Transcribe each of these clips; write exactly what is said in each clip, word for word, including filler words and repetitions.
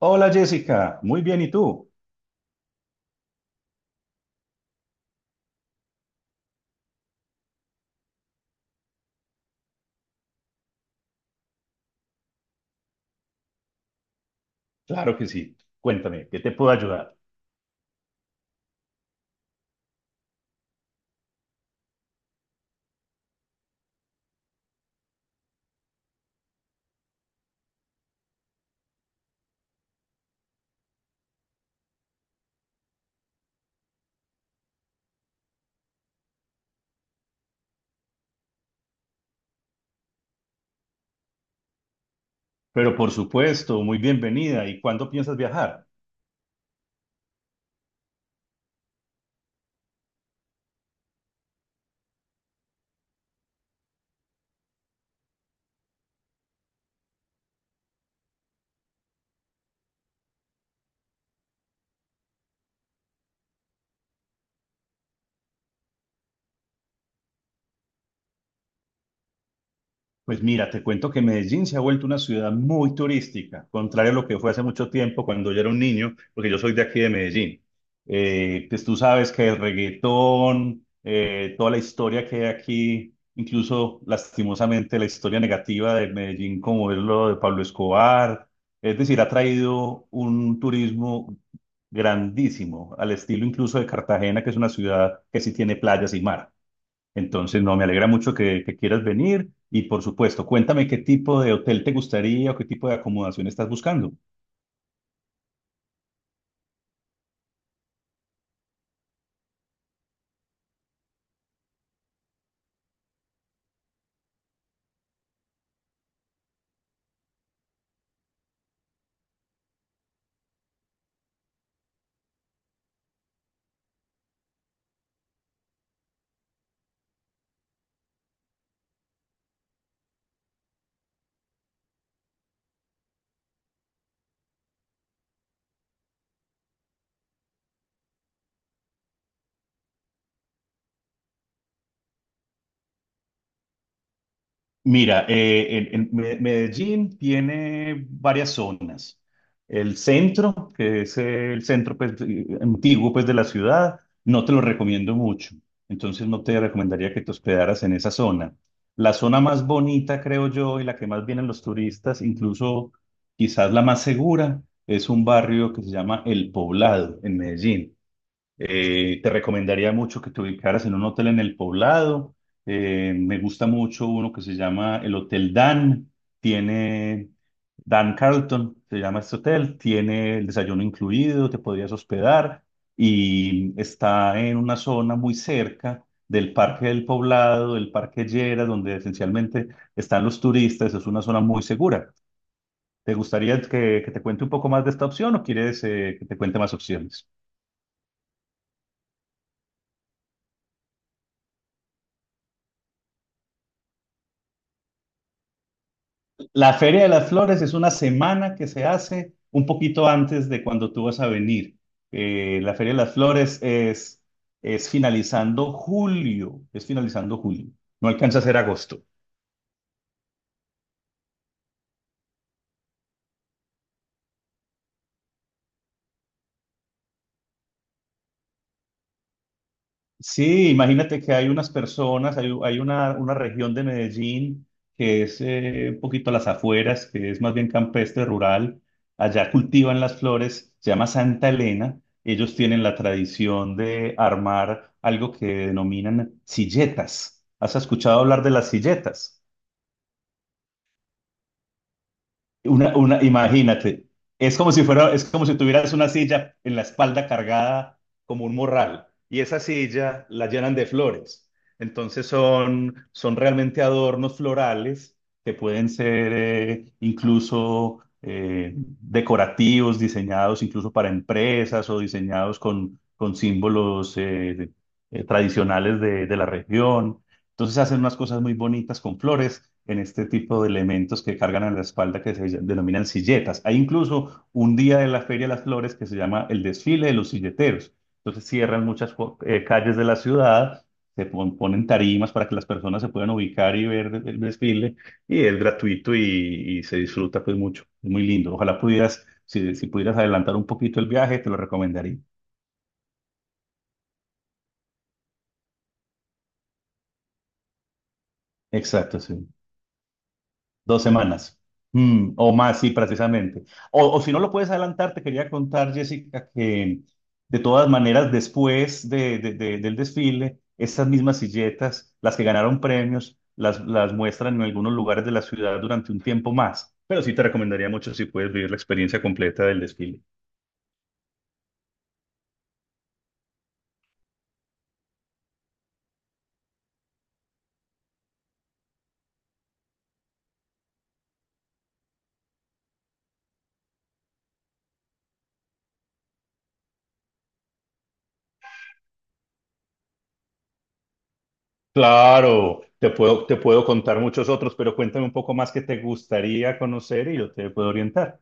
Hola Jessica, muy bien, ¿y tú? Claro que sí. Cuéntame, ¿qué te puedo ayudar? Pero por supuesto, muy bienvenida. ¿Y cuándo piensas viajar? Pues mira, te cuento que Medellín se ha vuelto una ciudad muy turística, contrario a lo que fue hace mucho tiempo cuando yo era un niño, porque yo soy de aquí de Medellín. Eh, pues tú sabes que el reggaetón, eh, toda la historia que hay aquí, incluso lastimosamente la historia negativa de Medellín, como es lo de Pablo Escobar, es decir, ha traído un turismo grandísimo, al estilo incluso de Cartagena, que es una ciudad que sí tiene playas y mar. Entonces, no, me alegra mucho que, que quieras venir y por supuesto, cuéntame qué tipo de hotel te gustaría o qué tipo de acomodación estás buscando. Mira, eh, en- en Me- Medellín tiene varias zonas. El centro, que es el centro pues, eh, antiguo pues, de la ciudad, no te lo recomiendo mucho. Entonces no te recomendaría que te hospedaras en esa zona. La zona más bonita, creo yo, y la que más vienen los turistas, incluso quizás la más segura, es un barrio que se llama El Poblado en Medellín. Eh, te recomendaría mucho que te ubicaras en un hotel en el Poblado. Eh, me gusta mucho uno que se llama el Hotel Dan. Tiene Dan Carlton, se llama este hotel. Tiene el desayuno incluido, te podrías hospedar y está en una zona muy cerca del Parque del Poblado, del Parque Llera, donde esencialmente están los turistas. Es una zona muy segura. ¿Te gustaría que, que te cuente un poco más de esta opción o quieres eh, que te cuente más opciones? La Feria de las Flores es una semana que se hace un poquito antes de cuando tú vas a venir. Eh, la Feria de las Flores es, es finalizando julio, es finalizando julio, no alcanza a ser agosto. Sí, imagínate que hay unas personas, hay, hay una, una región de Medellín que es eh, un poquito a las afueras, que es más bien campestre, rural. Allá cultivan las flores, se llama Santa Elena. Ellos tienen la tradición de armar algo que denominan silletas. ¿Has escuchado hablar de las silletas? Una, una, imagínate, es como si fuera, es como si tuvieras una silla en la espalda cargada como un morral y esa silla la llenan de flores. Entonces son, son realmente adornos florales que pueden ser eh, incluso eh, decorativos, diseñados incluso para empresas o diseñados con, con símbolos eh, eh, tradicionales de, de la región. Entonces hacen unas cosas muy bonitas con flores en este tipo de elementos que cargan en la espalda que se denominan silletas. Hay incluso un día de la Feria de las Flores que se llama el desfile de los silleteros. Entonces cierran muchas fo- eh, calles de la ciudad, se pon- ponen tarimas para que las personas se puedan ubicar y ver el, el desfile y es gratuito y, y se disfruta pues mucho. Es muy lindo. Ojalá pudieras, si, si pudieras adelantar un poquito el viaje, te lo recomendaría. Exacto, sí. Dos semanas. Mm, o más, sí, precisamente. O, o si no lo puedes adelantar, te quería contar, Jessica, que de todas maneras, después de, de- de- del desfile, estas mismas silletas, las que ganaron premios, las, las muestran en algunos lugares de la ciudad durante un tiempo más. Pero sí te recomendaría mucho si puedes vivir la experiencia completa del desfile. Claro, te puedo, te puedo contar muchos otros, pero cuéntame un poco más que te gustaría conocer y yo te puedo orientar.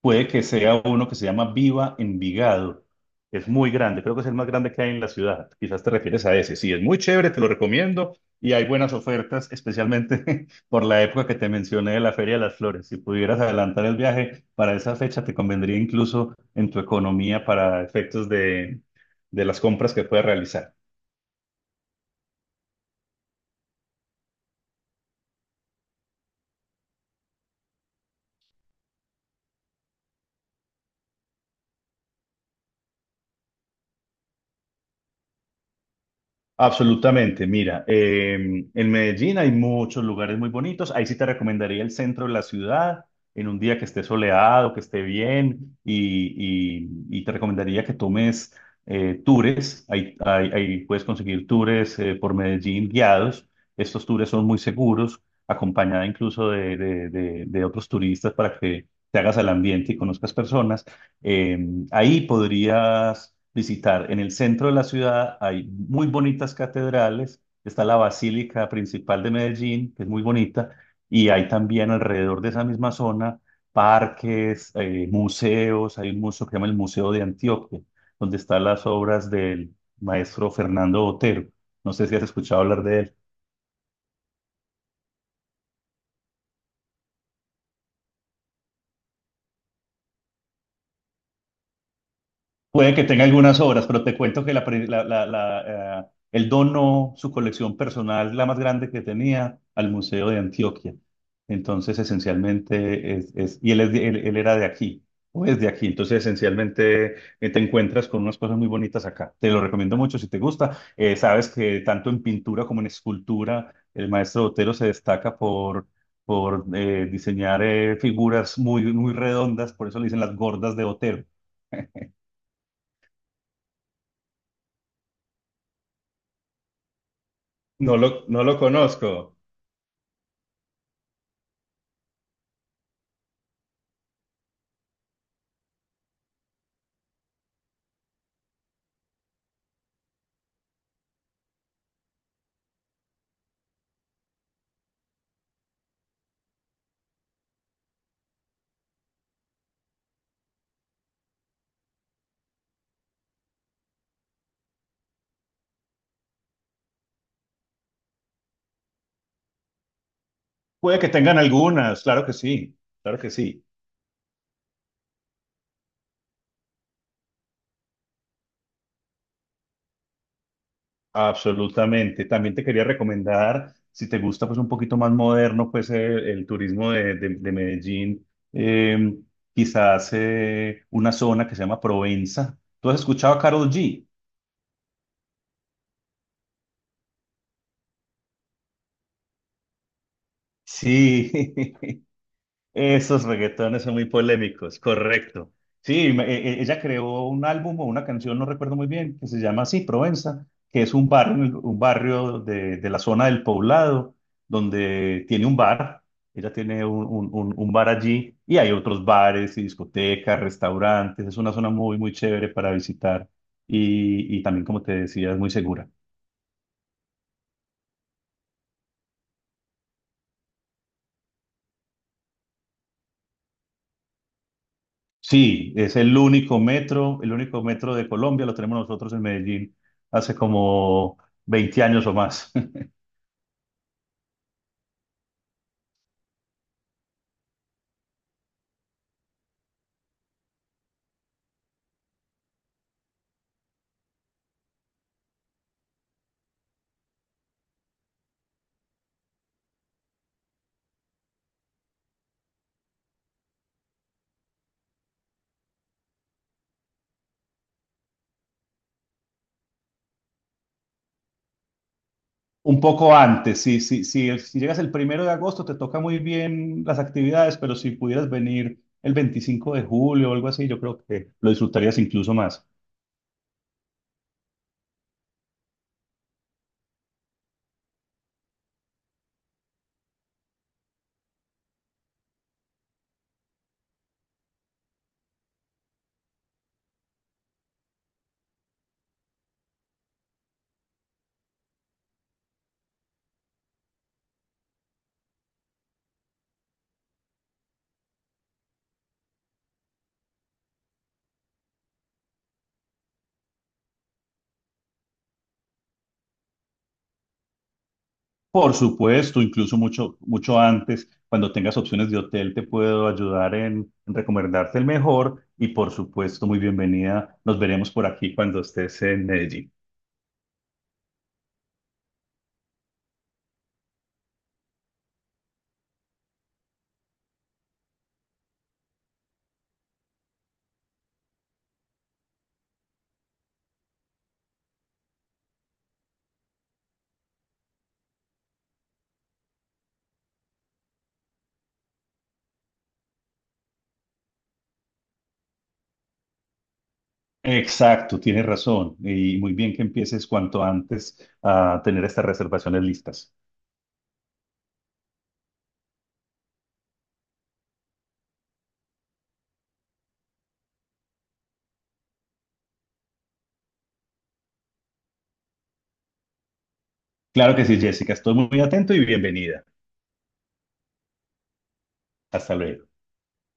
Puede que sea uno que se llama Viva Envigado. Es muy grande, creo que es el más grande que hay en la ciudad. Quizás te refieres a ese. Sí, es muy chévere, te lo recomiendo. Y hay buenas ofertas, especialmente por la época que te mencioné de la Feria de las Flores. Si pudieras adelantar el viaje para esa fecha, te convendría incluso en tu economía para efectos de, de las compras que puedas realizar. Absolutamente, mira, eh, en Medellín hay muchos lugares muy bonitos, ahí sí te recomendaría el centro de la ciudad, en un día que esté soleado, que esté bien, y, y- y te recomendaría que tomes eh, tours, ahí, ahí- ahí puedes conseguir tours eh, por Medellín guiados, estos tours son muy seguros, acompañada incluso de, de de- de otros turistas para que te hagas al ambiente y conozcas personas. Eh, Ahí podrías visitar, en el centro de la ciudad hay muy bonitas catedrales, está la Basílica Principal de Medellín, que es muy bonita, y hay también alrededor de esa misma zona parques, eh, museos, hay un museo que se llama el Museo de Antioquia, donde están las obras del maestro Fernando Botero. No sé si has escuchado hablar de él. Puede que tenga algunas obras, pero te cuento que la pri- la- la- la, eh, él donó su colección personal, la más grande que tenía, al Museo de Antioquia. Entonces, esencialmente, es, es- y él, es de- él, él era de aquí, o es de aquí. Entonces, esencialmente, eh, te encuentras con unas cosas muy bonitas acá. Te lo recomiendo mucho si te gusta. Eh, sabes que tanto en pintura como en escultura, el maestro Botero se destaca por, por eh, diseñar eh, figuras muy, muy redondas, por eso le dicen las gordas de Botero. No lo, no lo conozco. Puede que tengan algunas, claro que sí, claro que sí, absolutamente. También te quería recomendar, si te gusta pues un poquito más moderno, pues el, el turismo de, de- de Medellín, eh, quizás eh, una zona que se llama Provenza. ¿Tú has escuchado a Karol G? Sí, esos reggaetones son muy polémicos, correcto. Sí, me- e- e- ella creó un álbum o una canción, no recuerdo muy bien, que se llama así, Provenza, que es un barrio, en el- un barrio de, de la zona del Poblado, donde tiene un bar, ella tiene un, un- un- un bar allí, y hay otros bares y discotecas, restaurantes, es una zona muy, muy chévere para visitar y, y también, como te decía, es muy segura. Sí, es el único metro, el único metro de Colombia, lo tenemos nosotros en Medellín hace como veinte años o más. Un poco antes, sí, sí, sí, el- si llegas el primero de agosto te toca muy bien las actividades, pero si pudieras venir el veinticinco de julio o algo así, yo creo que lo disfrutarías incluso más. Por supuesto, incluso mucho, mucho antes, cuando tengas opciones de hotel, te puedo ayudar en, en recomendarte el mejor y por supuesto, muy bienvenida. Nos veremos por aquí cuando estés en Medellín. Exacto, tienes razón. Y muy bien que empieces cuanto antes a tener estas reservaciones listas. Claro que sí, Jessica. Estoy muy atento y bienvenida. Hasta luego.